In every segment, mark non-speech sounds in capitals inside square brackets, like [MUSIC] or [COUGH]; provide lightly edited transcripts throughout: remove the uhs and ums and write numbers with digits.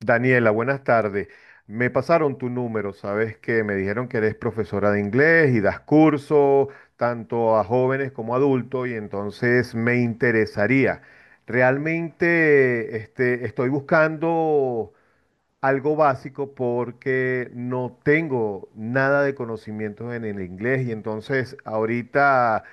Daniela, buenas tardes. Me pasaron tu número, sabes que me dijeron que eres profesora de inglés y das curso tanto a jóvenes como a adultos y entonces me interesaría. Realmente estoy buscando algo básico porque no tengo nada de conocimientos en el inglés y entonces ahorita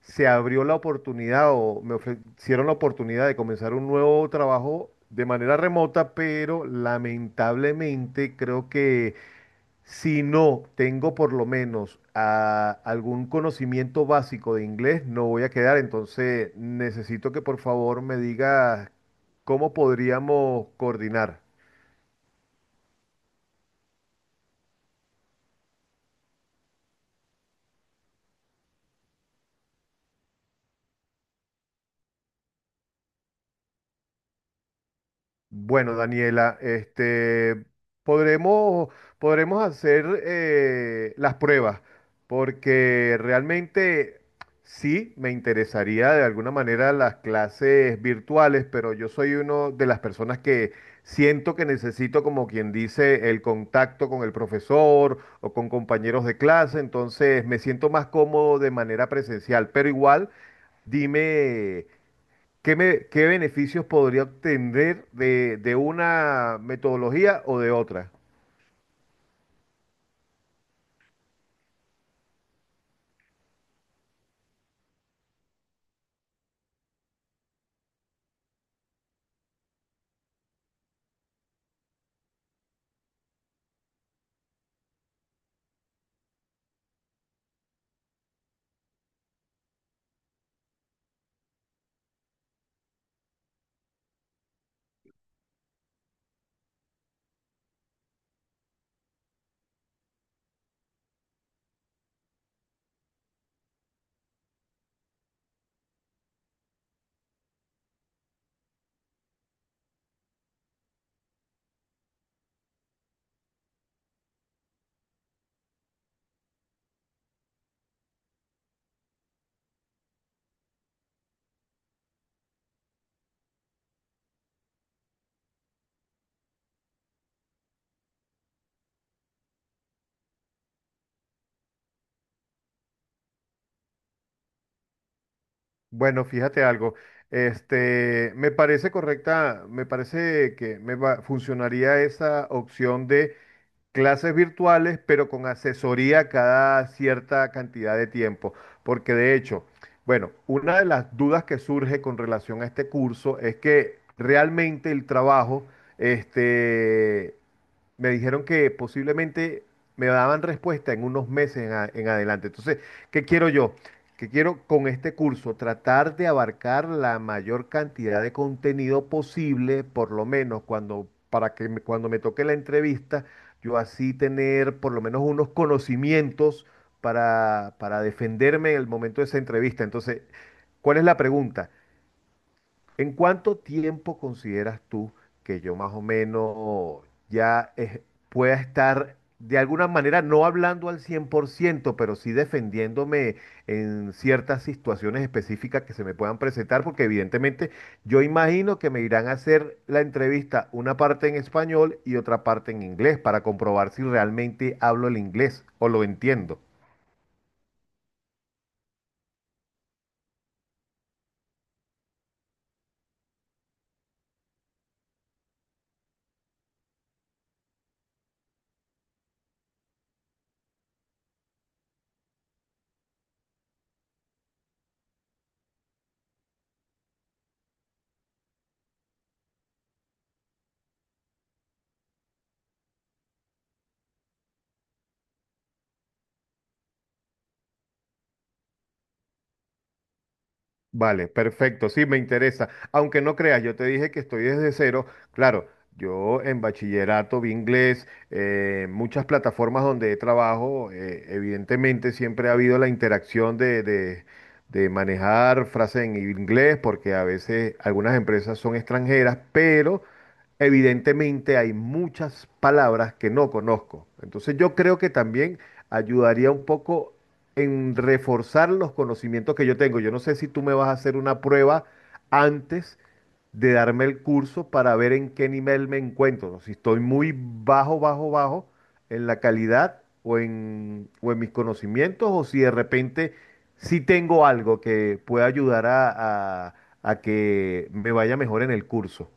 se abrió la oportunidad o me ofrecieron la oportunidad de comenzar un nuevo trabajo de manera remota, pero lamentablemente creo que si no tengo por lo menos algún conocimiento básico de inglés, no voy a quedar. Entonces necesito que por favor me digas cómo podríamos coordinar. Bueno, Daniela, podremos, podremos hacer las pruebas, porque realmente sí me interesaría de alguna manera las clases virtuales, pero yo soy uno de las personas que siento que necesito, como quien dice, el contacto con el profesor o con compañeros de clase, entonces me siento más cómodo de manera presencial, pero igual, dime. ¿Qué, qué beneficios podría obtener de una metodología o de otra? Bueno, fíjate algo. Me parece correcta, me parece que funcionaría esa opción de clases virtuales, pero con asesoría cada cierta cantidad de tiempo. Porque de hecho, bueno, una de las dudas que surge con relación a este curso es que realmente el trabajo, este, me dijeron que posiblemente me daban respuesta en unos meses en adelante. Entonces, ¿qué quiero yo? Que quiero con este curso tratar de abarcar la mayor cantidad de contenido posible, por lo menos para que cuando me toque la entrevista, yo así tener por lo menos unos conocimientos para defenderme en el momento de esa entrevista. Entonces, ¿cuál es la pregunta? ¿En cuánto tiempo consideras tú que yo más o menos ya pueda estar de alguna manera no hablando al 100%, pero sí defendiéndome en ciertas situaciones específicas que se me puedan presentar? Porque evidentemente yo imagino que me irán a hacer la entrevista una parte en español y otra parte en inglés para comprobar si realmente hablo el inglés o lo entiendo. Vale, perfecto, sí, me interesa. Aunque no creas, yo te dije que estoy desde cero. Claro, yo en bachillerato vi inglés, muchas plataformas donde trabajo, evidentemente siempre ha habido la interacción de manejar frases en inglés, porque a veces algunas empresas son extranjeras, pero evidentemente hay muchas palabras que no conozco. Entonces yo creo que también ayudaría un poco en reforzar los conocimientos que yo tengo. Yo no sé si tú me vas a hacer una prueba antes de darme el curso para ver en qué nivel me encuentro, si estoy muy bajo en la calidad o en mis conocimientos, o si de repente sí tengo algo que pueda ayudar a que me vaya mejor en el curso.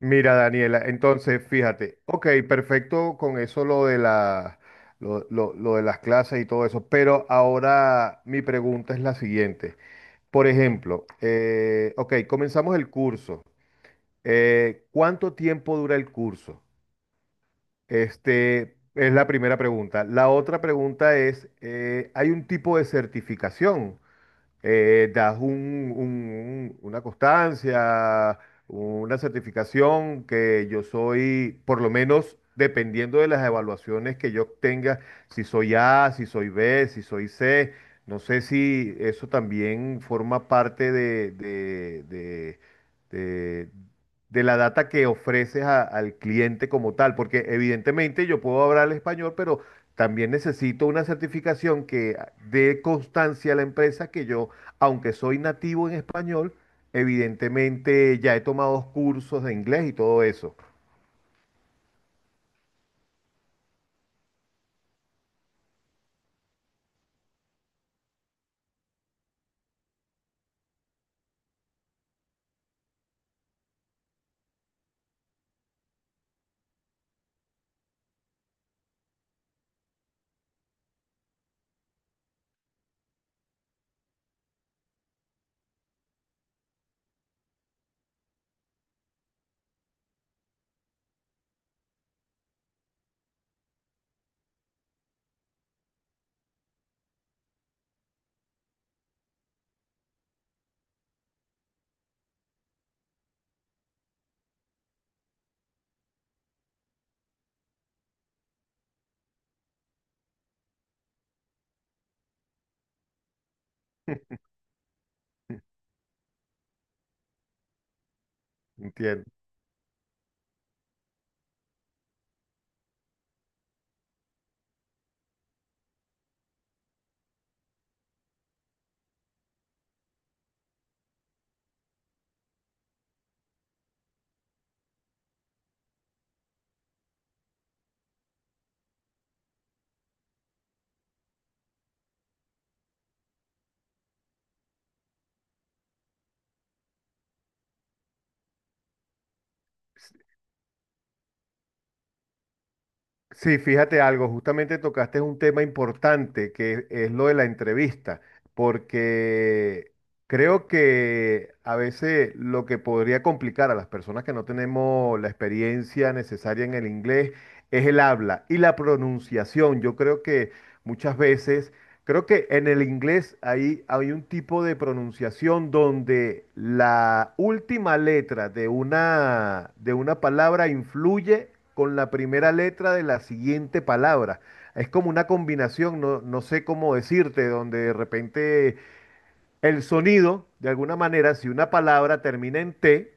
Mira, Daniela, entonces fíjate, ok, perfecto con eso lo de lo de las clases y todo eso, pero ahora mi pregunta es la siguiente. Por ejemplo, ok, comenzamos el curso. ¿Cuánto tiempo dura el curso? Este es la primera pregunta. La otra pregunta es, ¿hay un tipo de certificación? Das una constancia, una certificación que yo soy, por lo menos dependiendo de las evaluaciones que yo tenga, si soy A, si soy B, si soy C, no sé si eso también forma parte de- de la data que ofreces al cliente como tal, porque evidentemente yo puedo hablar español, pero también necesito una certificación que dé constancia a la empresa que yo aunque soy nativo en español, evidentemente ya he tomado dos cursos de inglés y todo eso. [LAUGHS] Entiendo. Sí, fíjate algo, justamente tocaste un tema importante que es lo de la entrevista, porque creo que a veces lo que podría complicar a las personas que no tenemos la experiencia necesaria en el inglés es el habla y la pronunciación. Yo creo que muchas veces creo que en el inglés ahí hay un tipo de pronunciación donde la última letra de una palabra influye con la primera letra de la siguiente palabra. Es como una combinación, no, no sé cómo decirte, donde de repente el sonido, de alguna manera, si una palabra termina en T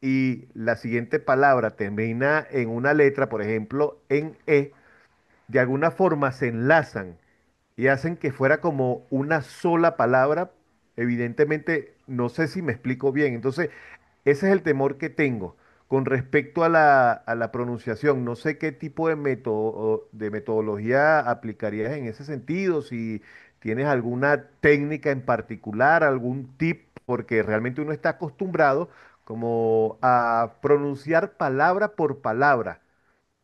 y la siguiente palabra termina en una letra, por ejemplo, en E, de alguna forma se enlazan y hacen que fuera como una sola palabra, evidentemente no sé si me explico bien. Entonces, ese es el temor que tengo. Con respecto a a la pronunciación, no sé qué tipo de método de metodología aplicarías en ese sentido, si tienes alguna técnica en particular, algún tip, porque realmente uno está acostumbrado como a pronunciar palabra por palabra.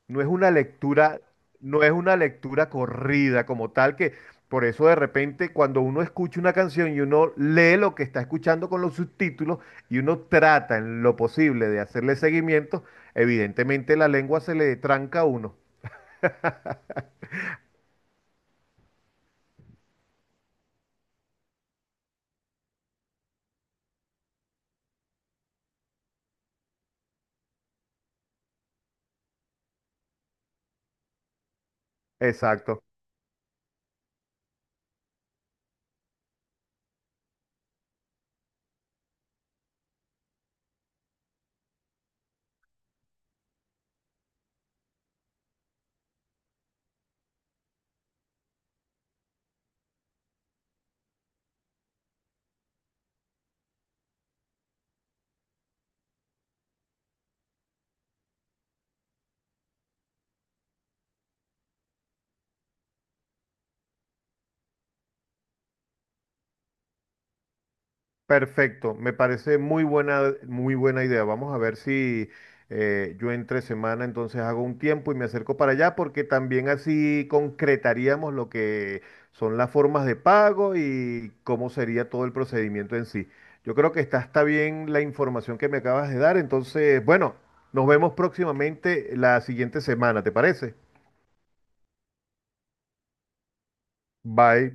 No es una lectura, no es una lectura corrida como tal que por eso de repente cuando uno escucha una canción y uno lee lo que está escuchando con los subtítulos y uno trata en lo posible de hacerle seguimiento, evidentemente la lengua se le tranca a uno. Exacto. Perfecto, me parece muy buena idea. Vamos a ver si yo entre semana entonces hago un tiempo y me acerco para allá porque también así concretaríamos lo que son las formas de pago y cómo sería todo el procedimiento en sí. Yo creo que está bien la información que me acabas de dar, entonces, bueno, nos vemos próximamente la siguiente semana, ¿te parece? Bye.